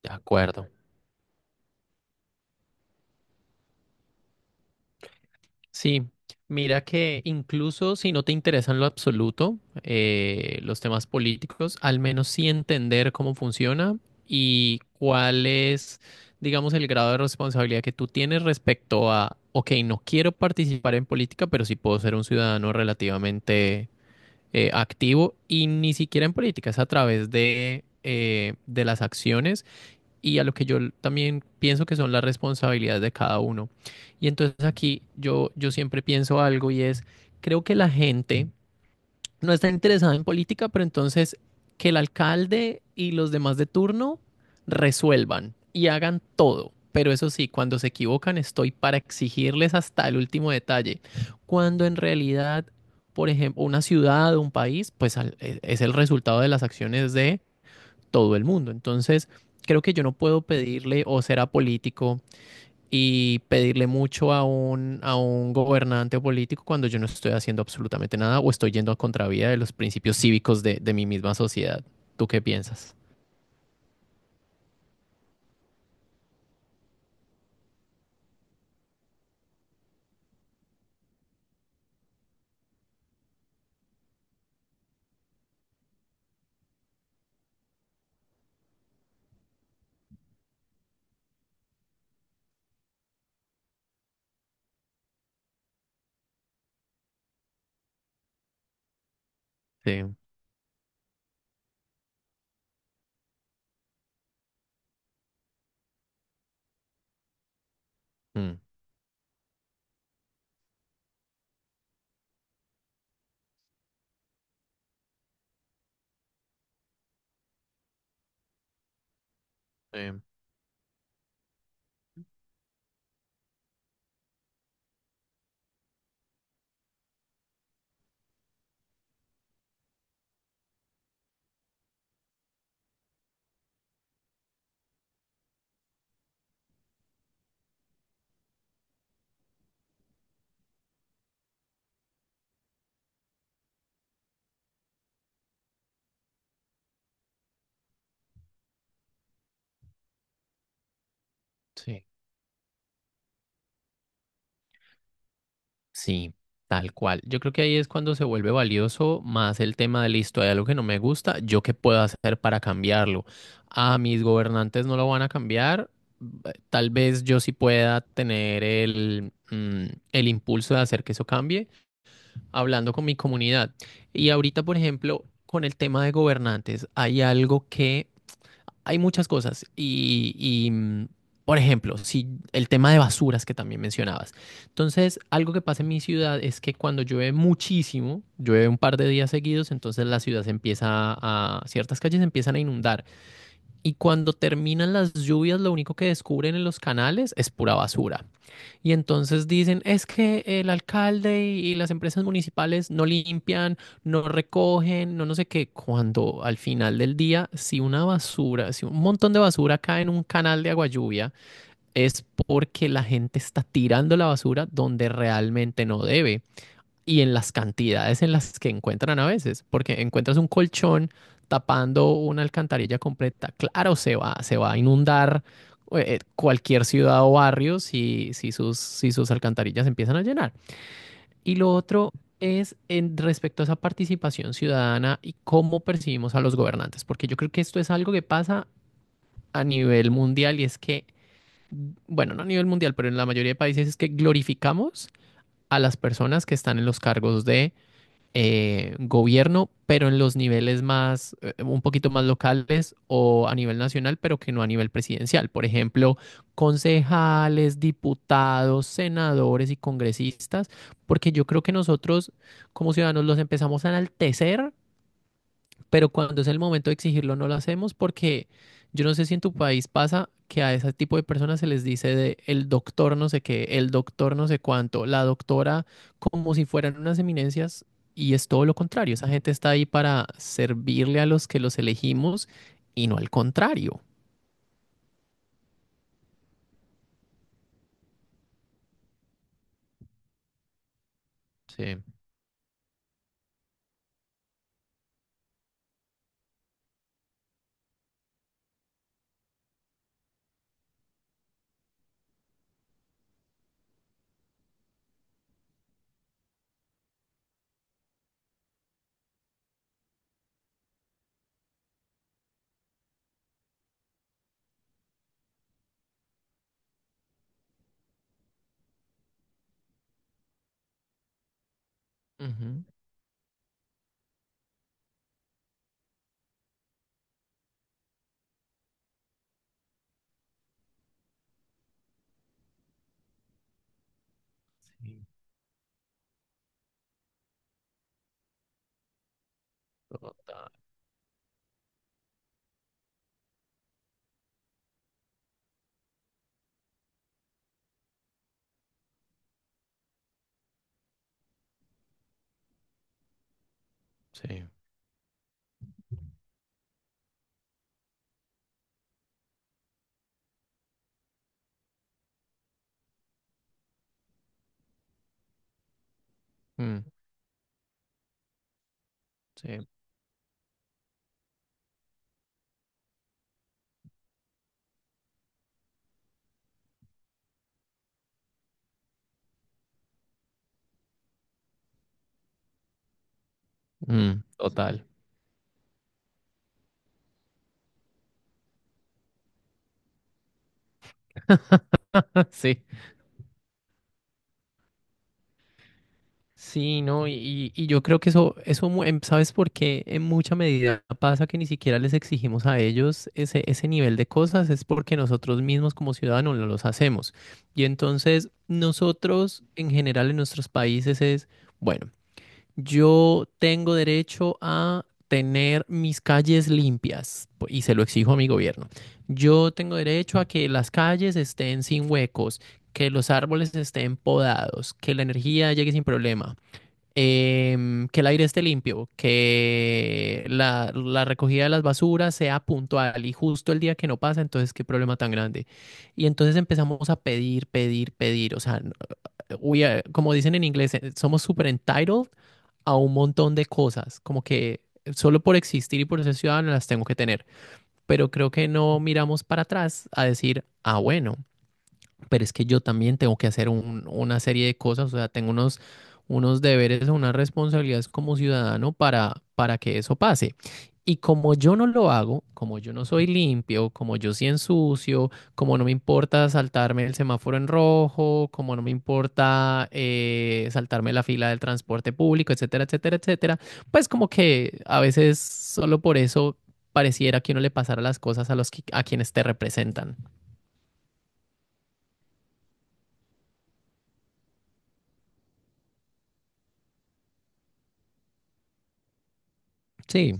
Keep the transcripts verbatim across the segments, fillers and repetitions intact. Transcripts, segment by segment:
De acuerdo. Sí, mira que incluso si no te interesa en lo absoluto eh, los temas políticos, al menos sí entender cómo funciona y cuál es, digamos, el grado de responsabilidad que tú tienes respecto a, ok, no quiero participar en política, pero sí puedo ser un ciudadano relativamente eh, activo y ni siquiera en política, es a través de, eh, de las acciones y a lo que yo también pienso que son las responsabilidades de cada uno. Y entonces aquí yo, yo siempre pienso algo y es, creo que la gente no está interesada en política, pero entonces que el alcalde y los demás de turno resuelvan y hagan todo. Pero eso sí, cuando se equivocan estoy para exigirles hasta el último detalle. Cuando en realidad, por ejemplo, una ciudad o un país, pues al- es es el resultado de las acciones de todo el mundo. Entonces, creo que yo no puedo pedirle o ser apolítico y pedirle mucho a un, a un gobernante o político cuando yo no estoy haciendo absolutamente nada o estoy yendo a contravía de los principios cívicos de, de mi misma sociedad. ¿Tú qué piensas? Sí. Mm. Sí. Sí. Sí, tal cual. Yo creo que ahí es cuando se vuelve valioso más el tema de listo, hay algo que no me gusta, ¿yo qué puedo hacer para cambiarlo? A mis gobernantes no lo van a cambiar. b- Tal vez yo sí pueda tener el, mm, el impulso de hacer que eso cambie hablando con mi comunidad. Y ahorita, por ejemplo, con el tema de gobernantes, hay algo que hay muchas cosas y, y, mm, por ejemplo, si el tema de basuras que también mencionabas. Entonces, algo que pasa en mi ciudad es que cuando llueve muchísimo, llueve un par de días seguidos, entonces la ciudad se empieza a, ciertas calles se empiezan a inundar. Y cuando terminan las lluvias, lo único que descubren en los canales es pura basura. Y entonces dicen, es que el alcalde y, y las empresas municipales no limpian, no recogen, no no sé qué, cuando al final del día, si una basura, si un montón de basura cae en un canal de agua lluvia, es porque la gente está tirando la basura donde realmente no debe y en las cantidades en las que encuentran a veces, porque encuentras un colchón tapando una alcantarilla completa. Claro, se va, se va a inundar eh, eh, cualquier ciudad o barrio si, si sus, si sus alcantarillas empiezan a llenar. Y lo otro es en respecto a esa participación ciudadana y cómo percibimos a los gobernantes, porque yo creo que esto es algo que pasa a nivel mundial y es que, bueno, no a nivel mundial, pero en la mayoría de países es que glorificamos a las personas que están en los cargos de eh, gobierno, pero en los niveles más, eh, un poquito más locales o a nivel nacional, pero que no a nivel presidencial. Por ejemplo, concejales, diputados, senadores y congresistas, porque yo creo que nosotros como ciudadanos los empezamos a enaltecer pero cuando es el momento de exigirlo no lo hacemos porque yo no sé si en tu país pasa que a ese tipo de personas se les dice de el doctor no sé qué, el doctor no sé cuánto, la doctora, como si fueran unas eminencias y es todo lo contrario. Esa gente está ahí para servirle a los que los elegimos y no al contrario. Sí. Ujú. Sí, total. Sí. Mm, sí. Mm, total. Sí. Sí, no, y, y- y yo creo que eso, eso, mu- em, ¿sabes por qué? En mucha medida pasa que ni siquiera les exigimos a ellos ese, ese nivel de cosas, es porque nosotros mismos como ciudadanos no los hacemos. Y entonces nosotros en general en nuestros países es, bueno, yo tengo derecho a tener mis calles limpias po- y se lo exijo a mi gobierno. Yo tengo derecho a que las calles estén sin huecos, que los árboles estén podados, que la energía llegue sin problema em, que el aire esté limpio, que la, la recogida de las basuras sea puntual y justo el día que no pasa, entonces qué problema tan grande. Y entonces empezamos a pedir, pedir, pedir, o sea, n- we are- como dicen en inglés, eh, somos super entitled a un montón de cosas, como que solo por existir y por ser ciudadano las tengo que tener, pero creo que no miramos para atrás a decir, ah, bueno pero es que yo también tengo que hacer un- una serie de cosas, o sea, tengo unos, unos deberes o unas responsabilidades como ciudadano para, para que eso pase. Y como yo no lo hago, como yo no soy limpio, como yo sí ensucio, como no me importa saltarme el semáforo en rojo, como no me importa eh, saltarme la fila del transporte público, etcétera, etcétera, etcétera, pues como que a veces solo por eso pareciera que uno le pasara las cosas a los que- a quienes te representan. Sí,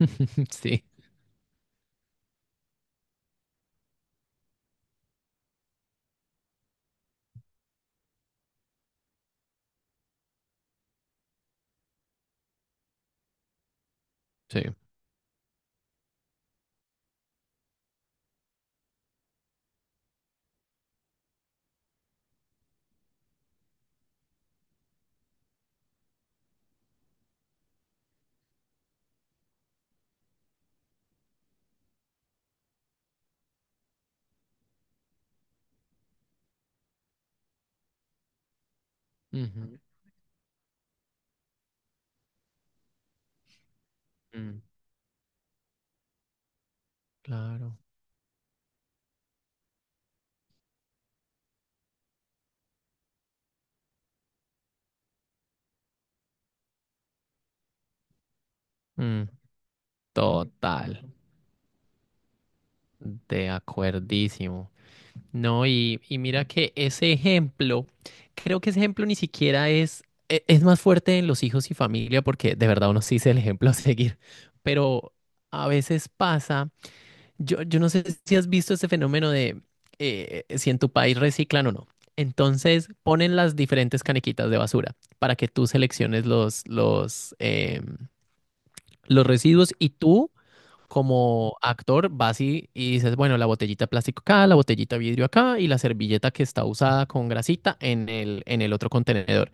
sí. Sí. Ujú, mm, claro. Mm, total. De acuerdísimo. No, y, y mira que ese ejemplo, creo que ese ejemplo ni siquiera es, e- es más fuerte en los hijos y familia, porque de verdad uno sí es el ejemplo a seguir. Pero a veces pasa, yo, yo no sé si has visto ese fenómeno de eh, eh, si en tu país reciclan o no. Entonces ponen las diferentes canequitas de basura para que tú selecciones los, los, em, los residuos y tú como actor vas y, y dices, bueno, la botellita de plástico acá, la botellita de vidrio acá y la servilleta que está usada con grasita en el, en el otro contenedor.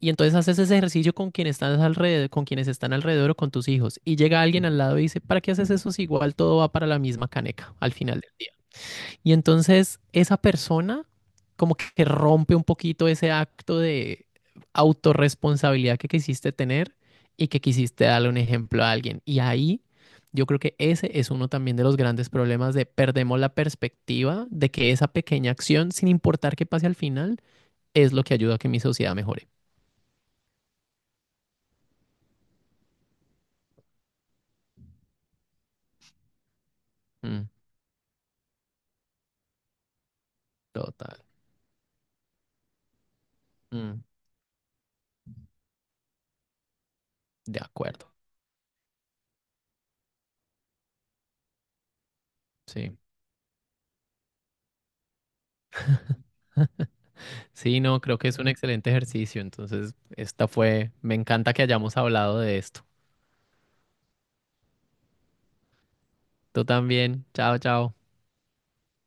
Y entonces haces ese ejercicio con quien estás alrededor, con quienes están alrededor o con tus hijos. Y llega alguien al lado y dice, ¿para qué haces eso si igual todo va para la misma caneca al final del día? Y entonces esa persona como que rompe un poquito ese acto de autorresponsabilidad que quisiste tener y que quisiste darle un ejemplo a alguien. Y ahí yo creo que ese es uno también de los grandes problemas de perdemos la perspectiva de que esa pequeña acción, sin importar qué pase al final, es lo que ayuda a que mi sociedad mejore. Mm, total. Mm, de acuerdo. Sí. Sí, no, creo que es un excelente ejercicio. Entonces, esta fue, me encanta que hayamos hablado de esto. Tú también. Chao, chao.